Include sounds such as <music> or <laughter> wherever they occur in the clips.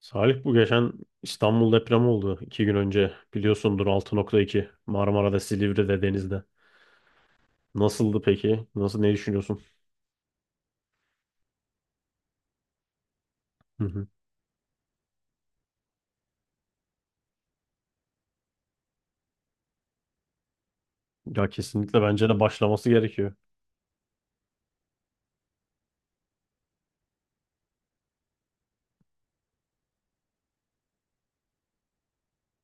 Salih, bu geçen İstanbul depremi oldu 2 gün önce biliyorsundur. 6.2, Marmara'da, Silivri'de, denizde. Nasıldı peki? Nasıl, ne düşünüyorsun? Hı hı. Ya kesinlikle bence de başlaması gerekiyor.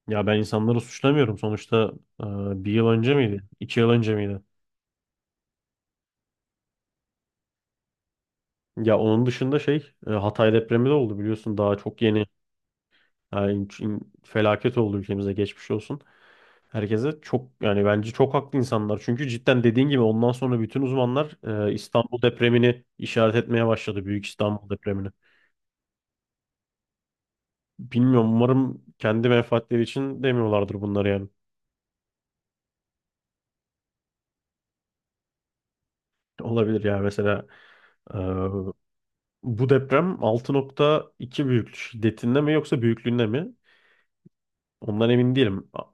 Ya ben insanları suçlamıyorum sonuçta. e, Bir yıl önce miydi? 2 yıl önce miydi? Ya onun dışında şey, Hatay depremi de oldu biliyorsun, daha çok yeni. Yani felaket oldu, ülkemize geçmiş olsun. Herkese çok, yani bence çok haklı insanlar. Çünkü cidden dediğin gibi ondan sonra bütün uzmanlar İstanbul depremini işaret etmeye başladı. Büyük İstanbul depremini. Bilmiyorum, umarım kendi menfaatleri için demiyorlardır bunları yani. Olabilir ya, mesela e, bu deprem 6.2 büyüklük şiddetinde mi, yoksa büyüklüğünde mi? Ondan emin değilim.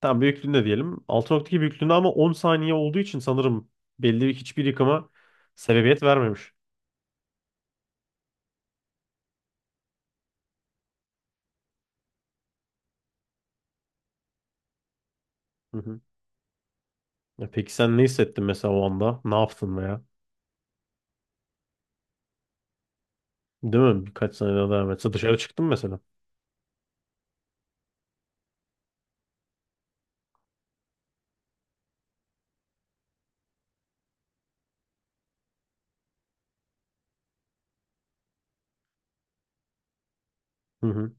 Tam büyüklüğünde diyelim. 6.2 büyüklüğünde, ama 10 saniye olduğu için sanırım belli bir, hiçbir yıkıma sebebiyet vermemiş. Hı hı. Ya peki, sen ne hissettin mesela o anda? Ne yaptın veya? Değil mi? Birkaç sene daha devam etse dışarı çıktın mesela. Hı hı.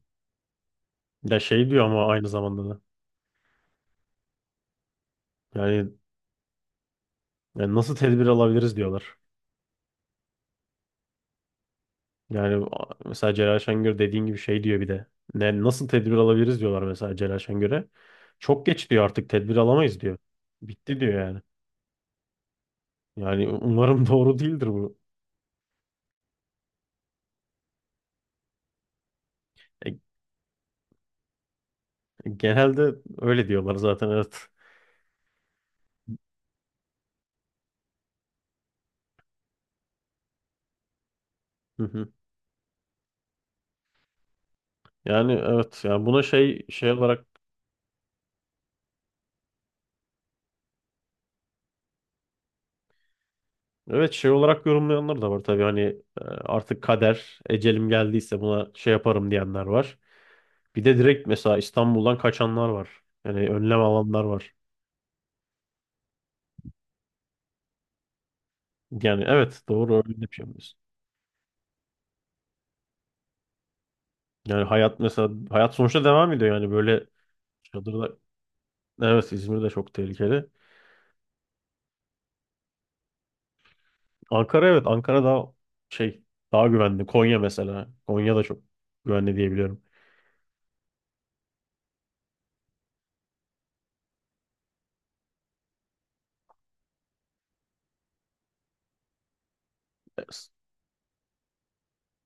Ya şey diyor ama aynı zamanda da. Yani, yani nasıl tedbir alabiliriz diyorlar. Yani, mesela Celal Şengör, dediğin gibi şey diyor bir de. Ne, nasıl tedbir alabiliriz diyorlar mesela Celal Şengör'e? Çok geç diyor, artık tedbir alamayız diyor. Bitti diyor yani. Yani umarım <laughs> doğru değildir bu. E, Genelde öyle diyorlar zaten, evet. Hı hı. Yani evet, yani buna şey olarak... Evet, şey olarak yorumlayanlar da var tabii, hani artık kader, ecelim geldiyse buna şey yaparım diyenler var. Bir de direkt mesela İstanbul'dan kaçanlar var. Yani önlem alanlar var. Yani evet, doğru, öyle de bir şey yapıyoruz. Yani hayat, mesela hayat sonuçta devam ediyor yani, böyle çadırda... Evet, İzmir de çok tehlikeli. Ankara, evet, Ankara daha şey, daha güvenli. Konya mesela. Konya da çok güvenli diyebiliyorum.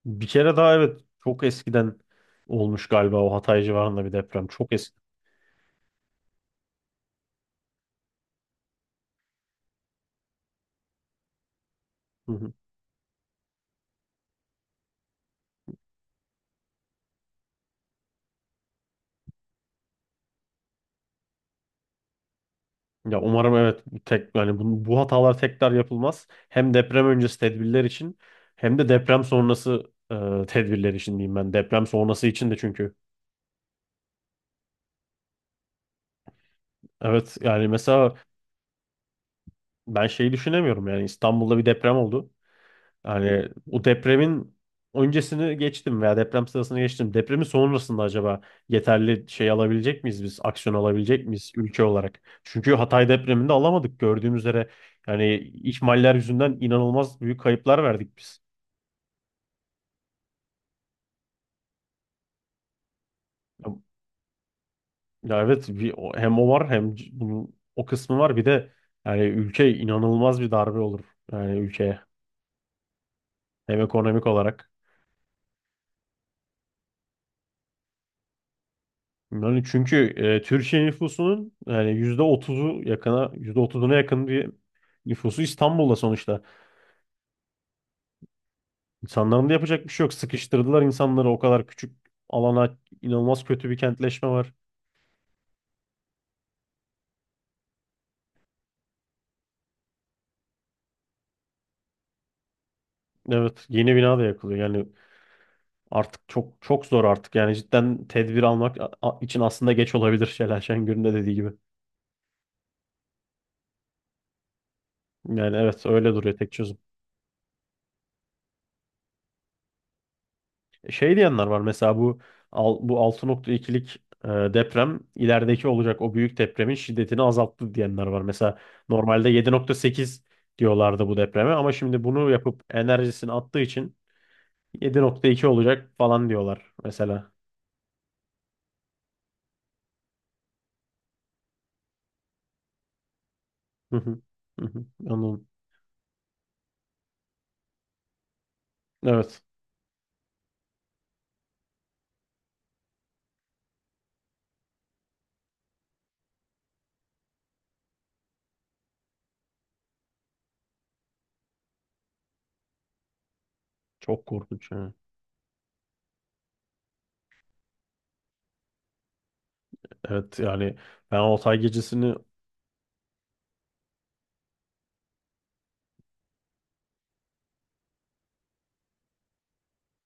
Bir kere daha, evet, çok eskiden olmuş galiba o Hatay civarında bir deprem. Çok eski. <laughs> Ya umarım, evet, bu tek. Yani bu hatalar tekrar yapılmaz. Hem deprem öncesi tedbirler için, hem de deprem sonrası tedbirler için diyeyim ben. Deprem sonrası için de, çünkü. Evet, yani mesela ben şeyi düşünemiyorum, yani İstanbul'da bir deprem oldu. Yani o depremin öncesini geçtim veya deprem sırasını geçtim. Depremin sonrasında acaba yeterli şey alabilecek miyiz biz? Aksiyon alabilecek miyiz ülke olarak? Çünkü Hatay depreminde alamadık gördüğümüz üzere. Yani ihmaller yüzünden inanılmaz büyük kayıplar verdik biz. Ya evet, bir, hem o var, hem bunun o kısmı var, bir de yani ülke inanılmaz bir darbe olur, yani ülkeye, hem ekonomik olarak. Yani çünkü Türkiye nüfusunun yani %30'una yakın bir nüfusu İstanbul'da sonuçta. İnsanların da yapacak bir şey yok. Sıkıştırdılar insanları o kadar küçük alana, inanılmaz kötü bir kentleşme var. Evet, yeni bina da yakılıyor yani. Artık çok çok zor artık, yani cidden tedbir almak için aslında geç olabilir, Şelal Şengör'ün de dediği gibi. Yani evet, öyle duruyor tek çözüm. Şey diyenler var, mesela bu bu 6,2'lik deprem, ilerideki olacak o büyük depremin şiddetini azalttı diyenler var. Mesela normalde 7,8 diyorlardı bu depreme, ama şimdi bunu yapıp enerjisini attığı için 7,2 olacak falan diyorlar mesela. Hı hı. Hı hı. Anladım. Evet. Çok korkunç yani. Evet, yani ben Altay gecesini,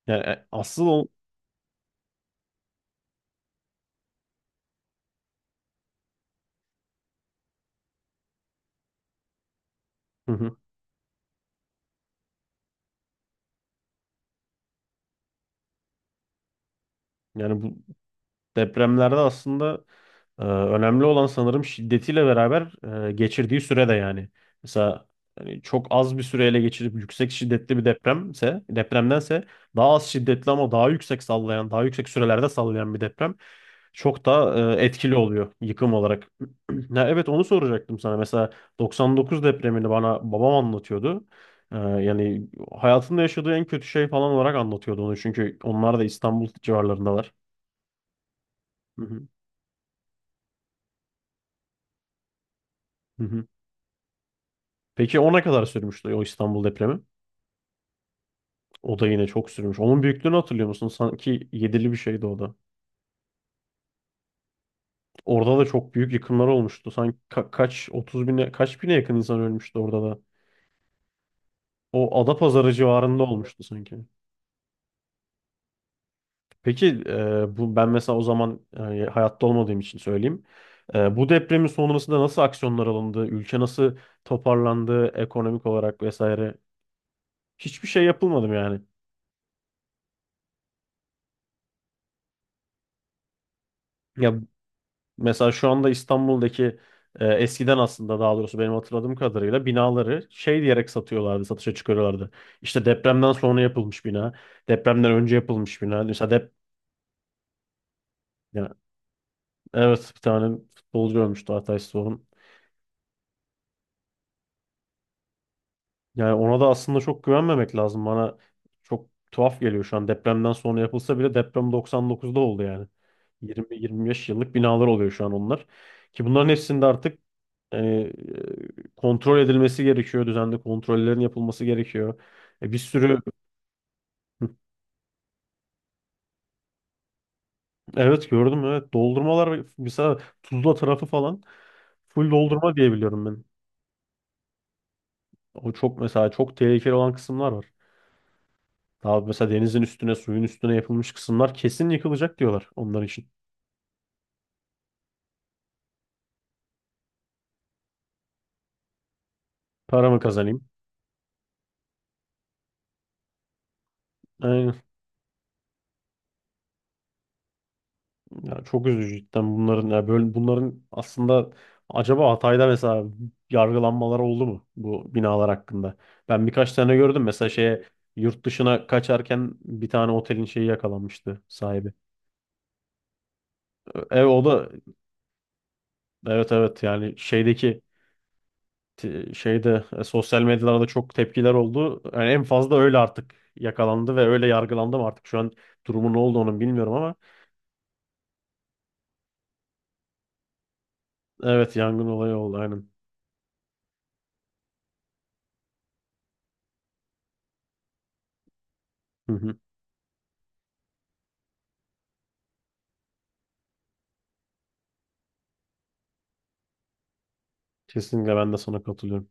yani asıl Hı hı. Yani bu depremlerde aslında, önemli olan sanırım şiddetiyle beraber geçirdiği süre de yani. Mesela, hani çok az bir süreyle geçirip yüksek şiddetli bir depremse, depremdense daha az şiddetli ama daha yüksek sallayan, daha yüksek sürelerde sallayan bir deprem çok daha etkili oluyor yıkım olarak. <clears throat> Ya evet, onu soracaktım sana. Mesela 99 depremini bana babam anlatıyordu. Yani hayatında yaşadığı en kötü şey falan olarak anlatıyordu onu, çünkü onlar da İstanbul civarlarındalar. Hı hı. Hı hı. Peki o ne kadar sürmüştü, o İstanbul depremi? O da yine çok sürmüş. Onun büyüklüğünü hatırlıyor musun? Sanki yedili bir şeydi o da. Orada da çok büyük yıkımlar olmuştu. Sanki kaç, 30 bine, kaç bine yakın insan ölmüştü orada da. O Adapazarı civarında olmuştu sanki. Peki bu, ben mesela o zaman, hayatta olmadığım için söyleyeyim. Bu depremin sonrasında nasıl aksiyonlar alındı? Ülke nasıl toparlandı ekonomik olarak vesaire? Hiçbir şey yapılmadı mı yani? Ya mesela şu anda İstanbul'daki, eskiden aslında, daha doğrusu benim hatırladığım kadarıyla binaları şey diyerek satıyorlardı, satışa çıkarıyorlardı. İşte, depremden sonra yapılmış bina, depremden önce yapılmış bina. Mesela yani evet, bir tane futbolcu ölmüştü Altay Spor'un. Yani ona da aslında çok güvenmemek lazım. Bana çok tuhaf geliyor şu an. Depremden sonra yapılsa bile deprem 99'da oldu yani. 20-25 yıllık binalar oluyor şu an onlar. Ki bunların hepsinde artık... Yani kontrol edilmesi gerekiyor. Düzenli kontrollerin yapılması gerekiyor. Bir sürü... <laughs> Evet, gördüm, evet. Doldurmalar mesela, Tuzla tarafı falan full doldurma diye biliyorum ben. O çok, mesela çok tehlikeli olan kısımlar var. Daha mesela denizin üstüne, suyun üstüne yapılmış kısımlar kesin yıkılacak diyorlar onlar için. Para mı kazanayım? Ya çok üzücü cidden bunların, ya böyle bunların aslında acaba Hatay'da mesela yargılanmaları oldu mu bu binalar hakkında? Ben birkaç tane gördüm, mesela şeye, yurt dışına kaçarken bir tane otelin şeyi yakalanmıştı, sahibi. O da, evet, evet, yani şeydeki, şeyde, sosyal medyalarda çok tepkiler oldu. Yani en fazla öyle artık yakalandı ve öyle yargılandı mı, artık şu an durumu ne oldu onun bilmiyorum, ama evet, yangın olayı oldu, aynen. Hı hı. Kesinlikle ben de sana katılıyorum.